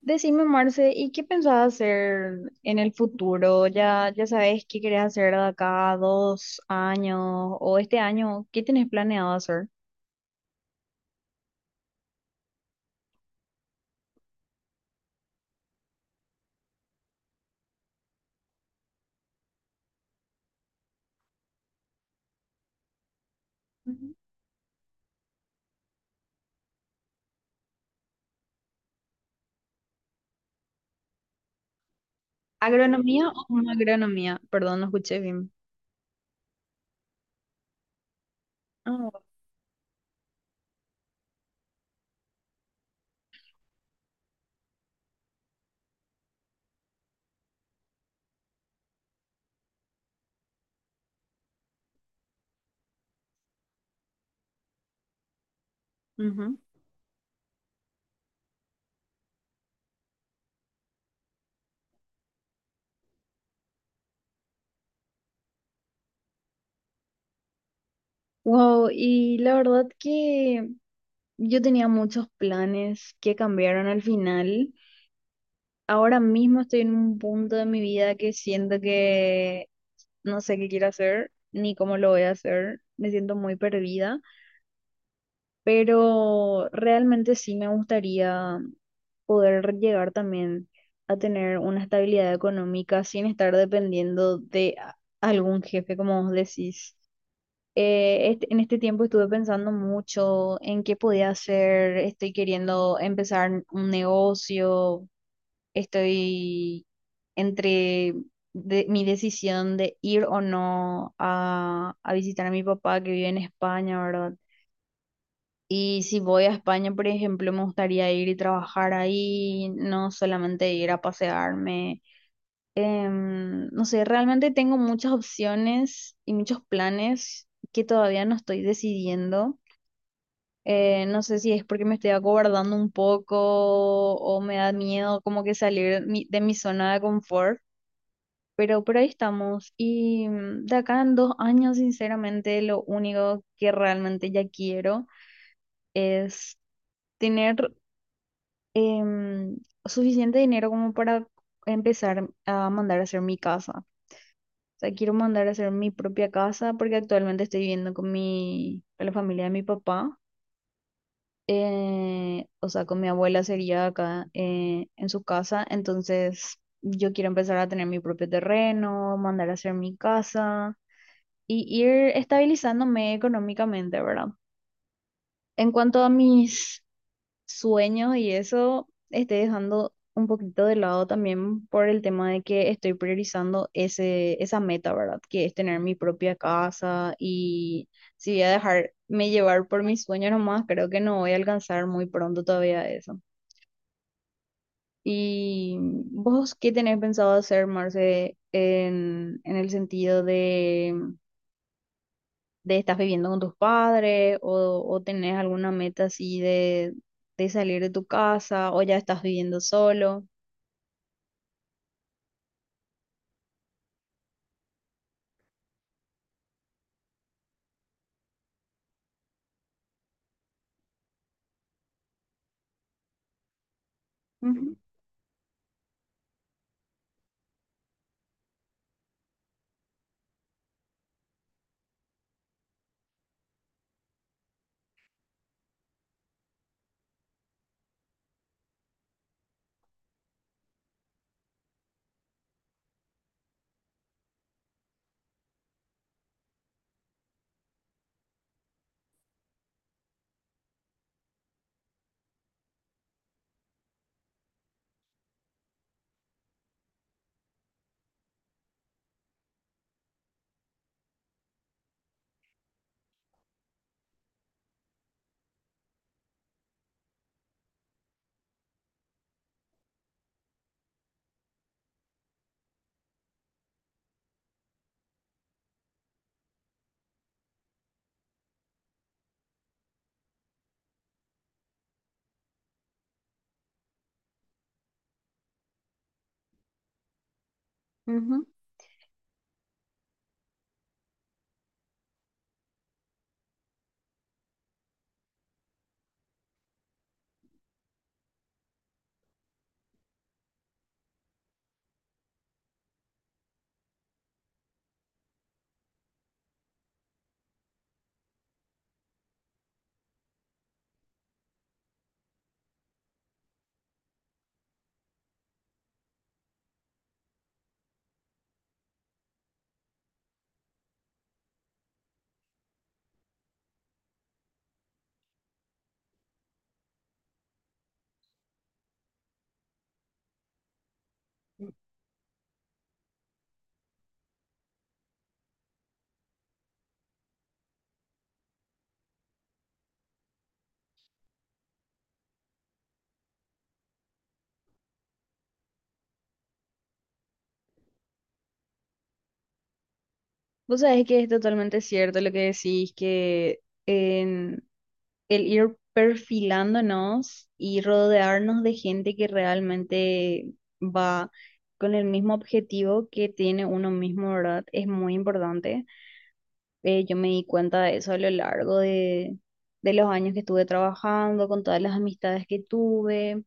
Decime, Marce, ¿y qué pensabas hacer en el futuro? ¿Ya sabes qué querés hacer de acá a 2 años o este año? ¿Qué tenés planeado hacer? Ujú. ¿Agronomía o una agronomía? Perdón, no escuché bien. Ah, ujú. Wow, y la verdad que yo tenía muchos planes que cambiaron al final. Ahora mismo estoy en un punto de mi vida que siento que no sé qué quiero hacer ni cómo lo voy a hacer. Me siento muy perdida, pero realmente sí me gustaría poder llegar también a tener una estabilidad económica sin estar dependiendo de algún jefe, como vos decís. En este tiempo estuve pensando mucho en qué podía hacer, estoy queriendo empezar un negocio, estoy entre mi decisión de ir o no a, a visitar a mi papá que vive en España, ¿verdad? Y si voy a España, por ejemplo, me gustaría ir y trabajar ahí, no solamente ir a pasearme. No sé, realmente tengo muchas opciones y muchos planes que todavía no estoy decidiendo. No sé si es porque me estoy acobardando un poco o me da miedo como que salir de mi zona de confort, pero por ahí estamos. Y de acá en 2 años, sinceramente, lo único que realmente ya quiero es tener em, suficiente dinero como para empezar a mandar a hacer mi casa. O sea, quiero mandar a hacer mi propia casa porque actualmente estoy viviendo con mi, con la familia de mi papá. O sea, con mi abuela sería acá en su casa. Entonces, yo quiero empezar a tener mi propio terreno, mandar a hacer mi casa y ir estabilizándome económicamente, ¿verdad? En cuanto a mis sueños y eso estoy dejando un poquito de lado también por el tema de que estoy priorizando esa meta, ¿verdad? Que es tener mi propia casa. Y si voy a dejarme llevar por mis sueños nomás, creo que no voy a alcanzar muy pronto todavía eso. ¿Y vos qué tenés pensado hacer, Marce, en el sentido de estás viviendo con tus padres o tenés alguna meta así de salir de tu casa o ya estás viviendo solo? Ujú, ujú. Vos sabés que es totalmente cierto lo que decís, que en el ir perfilándonos y rodearnos de gente que realmente va con el mismo objetivo que tiene uno mismo, ¿verdad? Es muy importante. Yo me di cuenta de eso a lo largo de los años que estuve trabajando, con todas las amistades que tuve.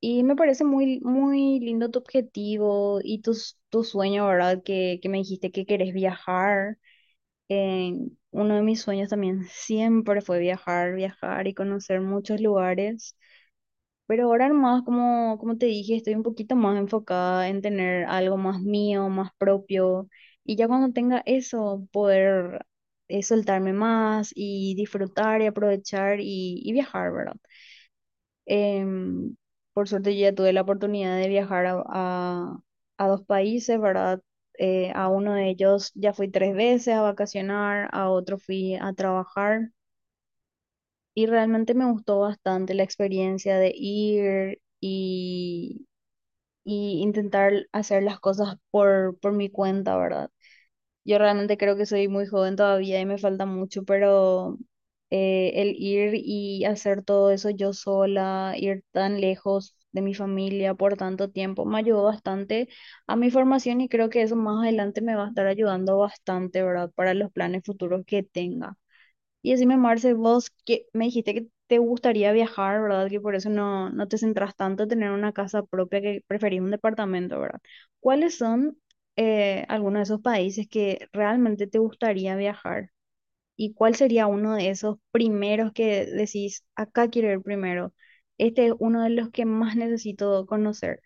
Y me parece muy, muy lindo tu objetivo y tu sueño, ¿verdad? Que me dijiste que querés viajar. Eh, Uno de mis sueños también siempre fue viajar, viajar y conocer muchos lugares. Pero ahora más, como te dije, estoy un poquito más enfocada en tener algo más mío, más propio. Y ya cuando tenga eso, poder soltarme más y disfrutar y aprovechar y viajar, ¿verdad? Em, por suerte yo ya tuve la oportunidad de viajar a dos países, ¿verdad? A uno de ellos ya fui tres veces a vacacionar, a otro fui a trabajar. Y realmente me gustó bastante la experiencia de ir y intentar hacer las cosas por mi cuenta, ¿verdad? Yo realmente creo que soy muy joven todavía y me falta mucho, pero el ir y hacer todo eso yo sola, ir tan lejos de mi familia por tanto tiempo, me ayudó bastante a mi formación y creo que eso más adelante me va a estar ayudando bastante, ¿verdad? Para los planes futuros que tenga. Y decime, Marce, vos que me dijiste que te gustaría viajar, ¿verdad? Que por eso no te centras tanto en tener una casa propia, que preferís un departamento, ¿verdad? ¿Cuáles son algunos de esos países que realmente te gustaría viajar? ¿Y cuál sería uno de esos primeros que decís, acá quiero ir primero? Este es uno de los que más necesito conocer.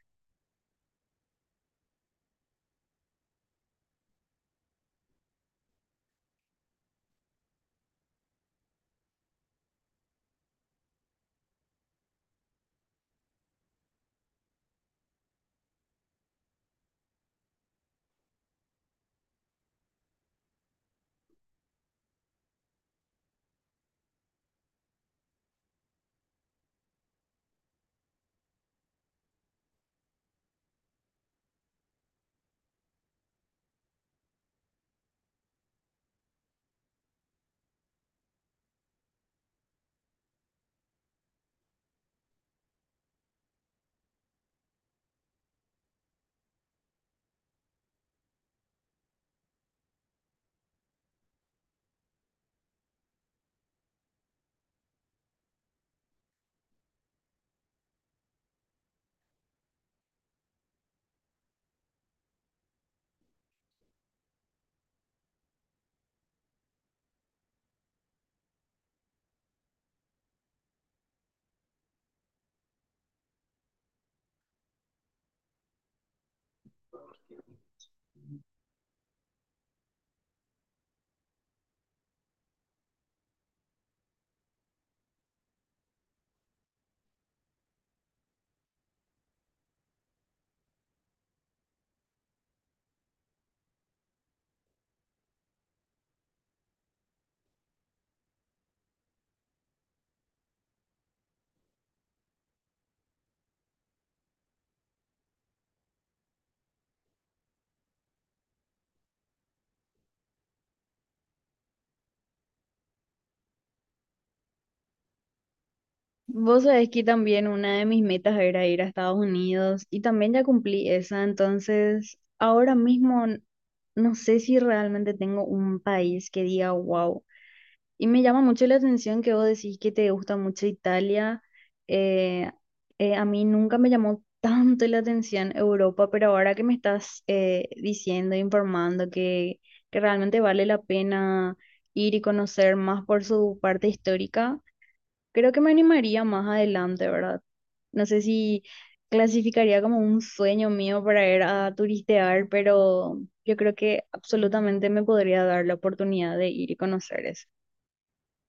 Vos sabés que también una de mis metas era ir a Estados Unidos y también ya cumplí esa, entonces ahora mismo no sé si realmente tengo un país que diga wow. Y me llama mucho la atención que vos decís que te gusta mucho Italia. eh, a mí nunca me llamó tanto la atención Europa, pero ahora que me estás diciendo, informando que realmente vale la pena ir y conocer más por su parte histórica. Creo que me animaría más adelante, ¿verdad? No sé si clasificaría como un sueño mío para ir a turistear, pero yo creo que absolutamente me podría dar la oportunidad de ir y conocer eso.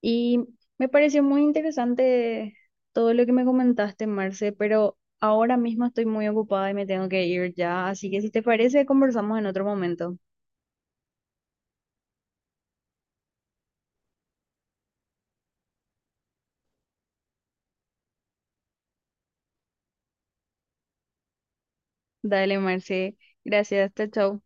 Y me pareció muy interesante todo lo que me comentaste, Marce, pero ahora mismo estoy muy ocupada y me tengo que ir ya, así que si te parece, conversamos en otro momento. Dale, Marce. Gracias, chao, chao.